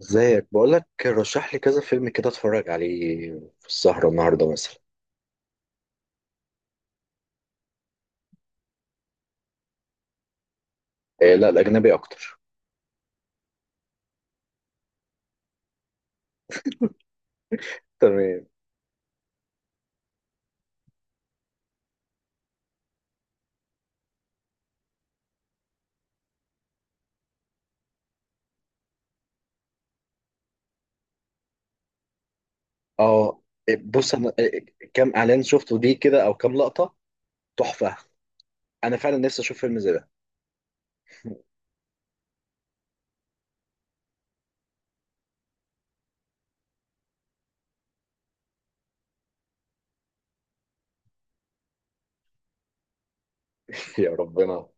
ازيك، بقولك رشح لي كذا فيلم كده اتفرج عليه في السهرة النهاردة مثلا. إيه، لا، الأجنبي أكتر. تمام. اه. إيه، بص أنا، كام إعلان شفته ليه كده، أو كام لقطة. تحفة. أنا فعلا نفسي أشوف فيلم زي ده. يا ربنا.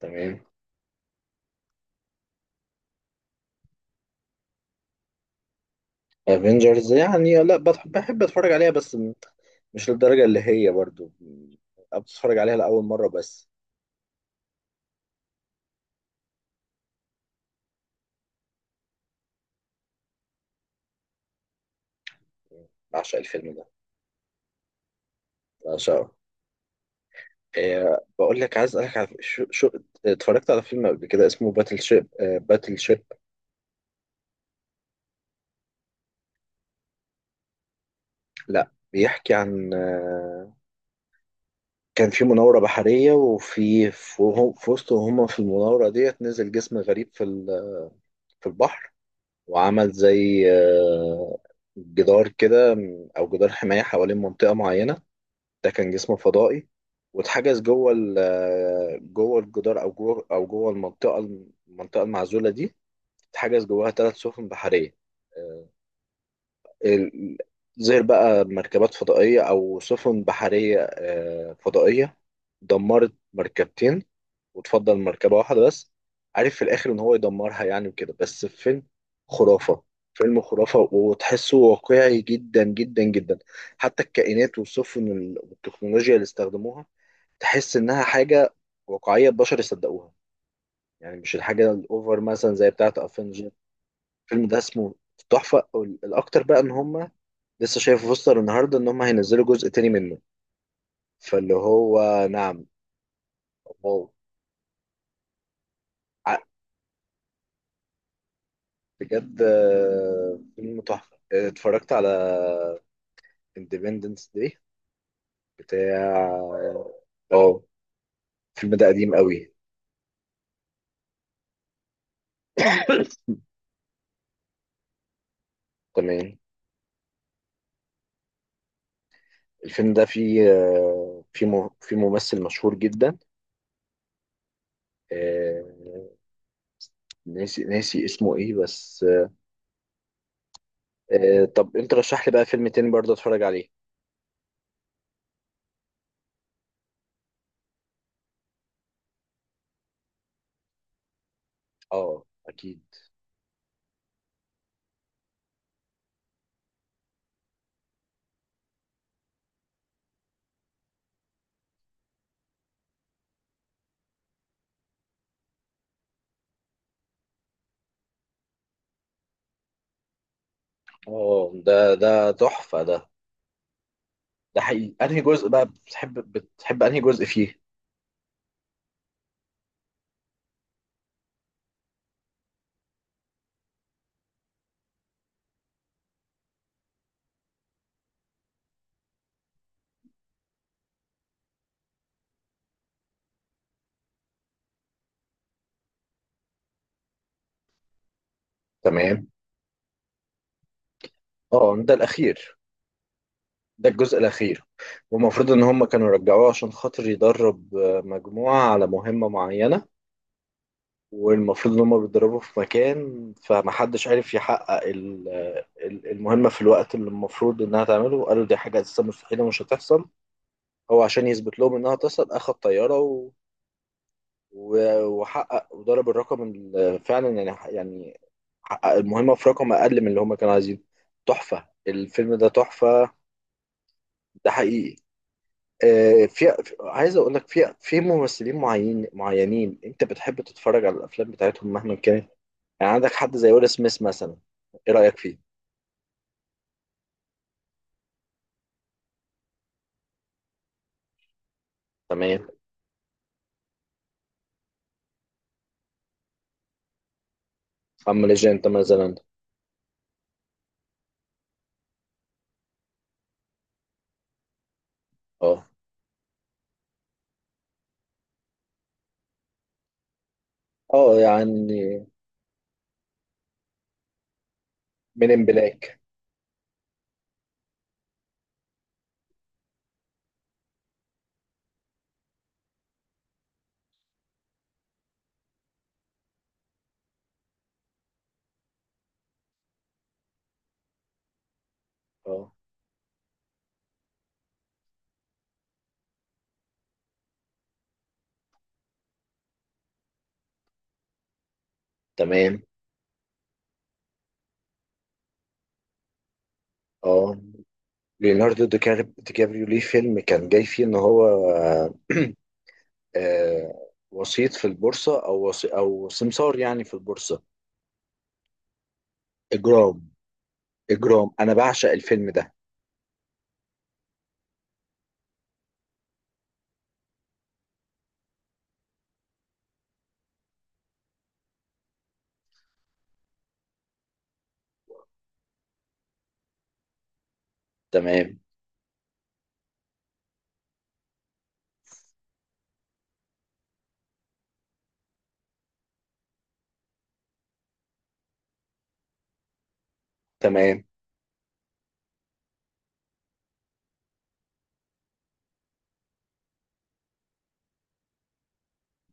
تمام. افنجرز يعني لا بحب أتفرج عليها، بس مش للدرجة اللي هي برضو، بتفرج عليها لأول مرة بس. بعشق الفيلم ده. بعشقه. بقول لك عايز اسالك على شو. اتفرجت على فيلم قبل كده اسمه باتل شيب، باتل شيب. لا، بيحكي عن، كان في مناورة بحرية، وفي في وسط وهم في المناورة ديت نزل جسم غريب في البحر. وعمل زي، جدار كده، او جدار حماية حوالين منطقة معينة. ده كان جسم فضائي. واتحجز جوه جوه الجدار او جوه المنطقة، المنطقة المعزولة دي. اتحجز جواها ثلاث سفن بحرية، آه، ال- زي بقى مركبات فضائية أو سفن بحرية، فضائية، دمرت مركبتين، وتفضل مركبة واحدة بس. عارف في الآخر إن هو يدمرها يعني وكده. بس فيلم خرافة. فيلم خرافة وتحسه واقعي جدا جدا جدا. حتى الكائنات والسفن والتكنولوجيا اللي استخدموها تحس إنها حاجة واقعية، البشر يصدقوها. يعني مش الحاجة الأوفر مثلا زي بتاعة أفنجر. الفيلم ده اسمه تحفة. الأكتر بقى إن هما لسه شايف بوستر النهارده ان هم هينزلوا جزء تاني منه، فاللي هو. نعم. واو. ع- بجد، فيلم تحفه، اتفرجت على اندبندنس داي بتاع. اه. الفيلم ده قديم قوي. تمام. الفيلم ده فيه ممثل مشهور جدا، آه، ناسي اسمه ايه بس. طب انت رشح لي بقى فيلم تاني برضه اتفرج عليه. اه، اكيد. اه، ده تحفه ده. ده حقيقي، انهي جزء بقى بتحب انهي جزء فيه؟ تمام. اه، ده الاخير. ده الجزء الاخير، والمفروض ان هم كانوا رجعوه عشان خاطر يدرب، مجموعة على مهمة معينة. والمفروض ان هم بيتدربوا في مكان، فمحدش عارف يحقق المهمة في الوقت اللي المفروض انها تعمله، قالوا دي حاجة اساسا مستحيلة مش هتحصل. هو عشان يثبت لهم انها تحصل اخد طيارة وحقق وضرب الرقم، فعلا يعني يعني حقق المهمة في رقم أقل من اللي هما كانوا عايزينه. تحفة الفيلم ده تحفة. ده حقيقي. عايز أقول لك في ممثلين معينين أنت بتحب تتفرج على الأفلام بتاعتهم مهما كانت. يعني عندك حد زي ويل سميث مثلا، إيه رأيك فيه؟ تمام. أما ليجند مثلا. أه. أه، يعني، من إن بلاك. أه. تمام. أه، ليوناردو دي كابريو ليه فيلم كان جاي فيه إن هو وسيط في البورصة، أو أو سمسار يعني في البورصة. إجرام. إجرام، أنا بعشق الفيلم ده. تمام. تمام.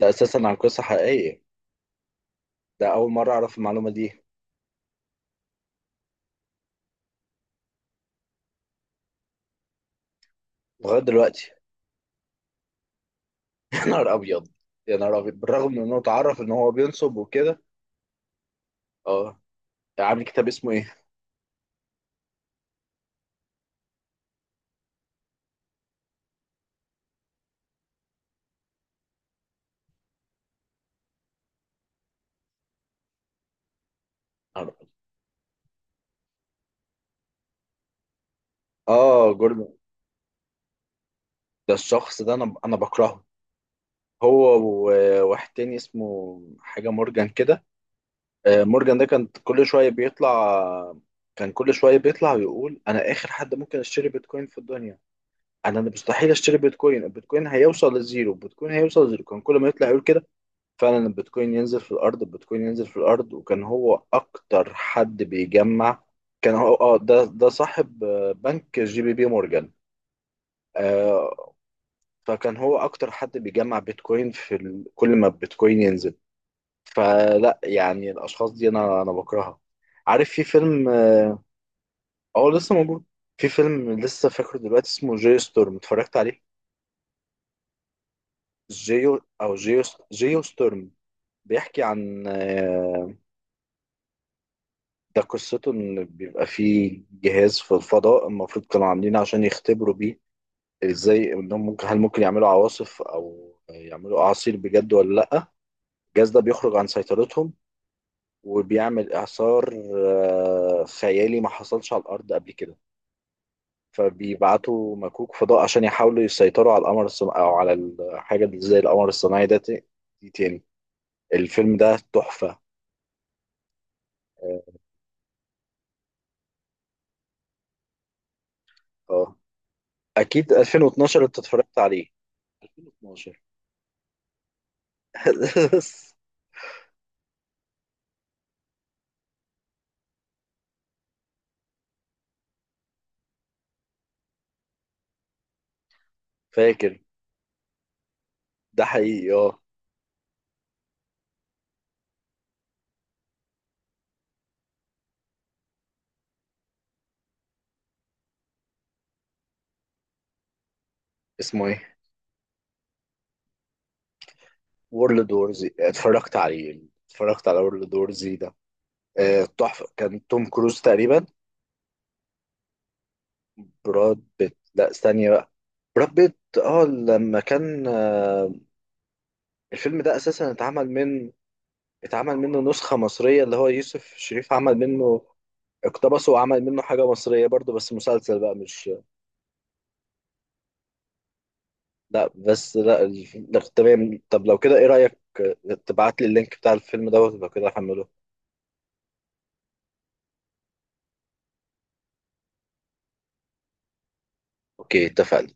ده أساسا عن قصة حقيقية. ده أول مرة أعرف المعلومة دي لغاية دلوقتي. يا نهار أبيض. يا نهار أبيض، بالرغم من إنه اتعرف إن هو بينصب وكده. أه. عامل كتاب اسمه إيه؟ نهار أبيض. أه، جوردن. ده الشخص ده أنا بكرهه، هو وواحد تاني اسمه حاجة مورجان كده. مورجان ده كان كل شوية بيطلع، كان كل شوية بيطلع ويقول أنا آخر حد ممكن أشتري بيتكوين في الدنيا، أنا مستحيل أشتري بيتكوين، البيتكوين هيوصل للزيرو، البيتكوين هيوصل للزيرو، كان كل ما يطلع يقول كده. فعلا البيتكوين ينزل في الأرض، البيتكوين ينزل في الأرض، وكان هو أكتر حد بيجمع. كان هو ده صاحب، بنك جي بي مورجان، آه، فكان هو أكتر حد بيجمع بيتكوين كل ما البيتكوين ينزل. فلا يعني الأشخاص دي أنا بكرهها. عارف في فيلم. اه، لسه موجود. في فيلم لسه فاكره دلوقتي اسمه جيو ستورم، اتفرجت عليه. جيو جيو ستورم، بيحكي عن، ده قصته ان بيبقى فيه جهاز في الفضاء، المفروض كانوا عاملينه عشان يختبروا بيه ازاي انهم ممكن، هل ممكن يعملوا عواصف او يعملوا اعاصير بجد ولا لا. الجهاز ده بيخرج عن سيطرتهم، وبيعمل اعصار، خيالي ما حصلش على الارض قبل كده، فبيبعتوا مكوك فضاء عشان يحاولوا يسيطروا على القمر الصناعي او على الحاجه اللي زي القمر الصناعي ده. دي تاني. الفيلم ده تحفه. اه، آه. اكيد 2012 انت اتفرجت عليه. 2012. فاكر. ده حقيقي، اه. اسمه ايه؟ وورلد وورز، اتفرجت عليه. اتفرجت على وورلد وورز ده، تحفه، كان توم كروز تقريبا. براد بيت، لا، استني بقى. براد بيت. اه، لما كان، الفيلم ده اساسا اتعمل من، اتعمل منه نسخة مصرية اللي هو يوسف شريف عمل منه، اقتبسه وعمل منه حاجة مصرية برضه، بس مسلسل بقى مش. لا بس لا لا، تمام، طب لو كده ايه رأيك، تبعت لي اللينك بتاع الفيلم دوت لو كده احمله. اوكي، اتفقنا.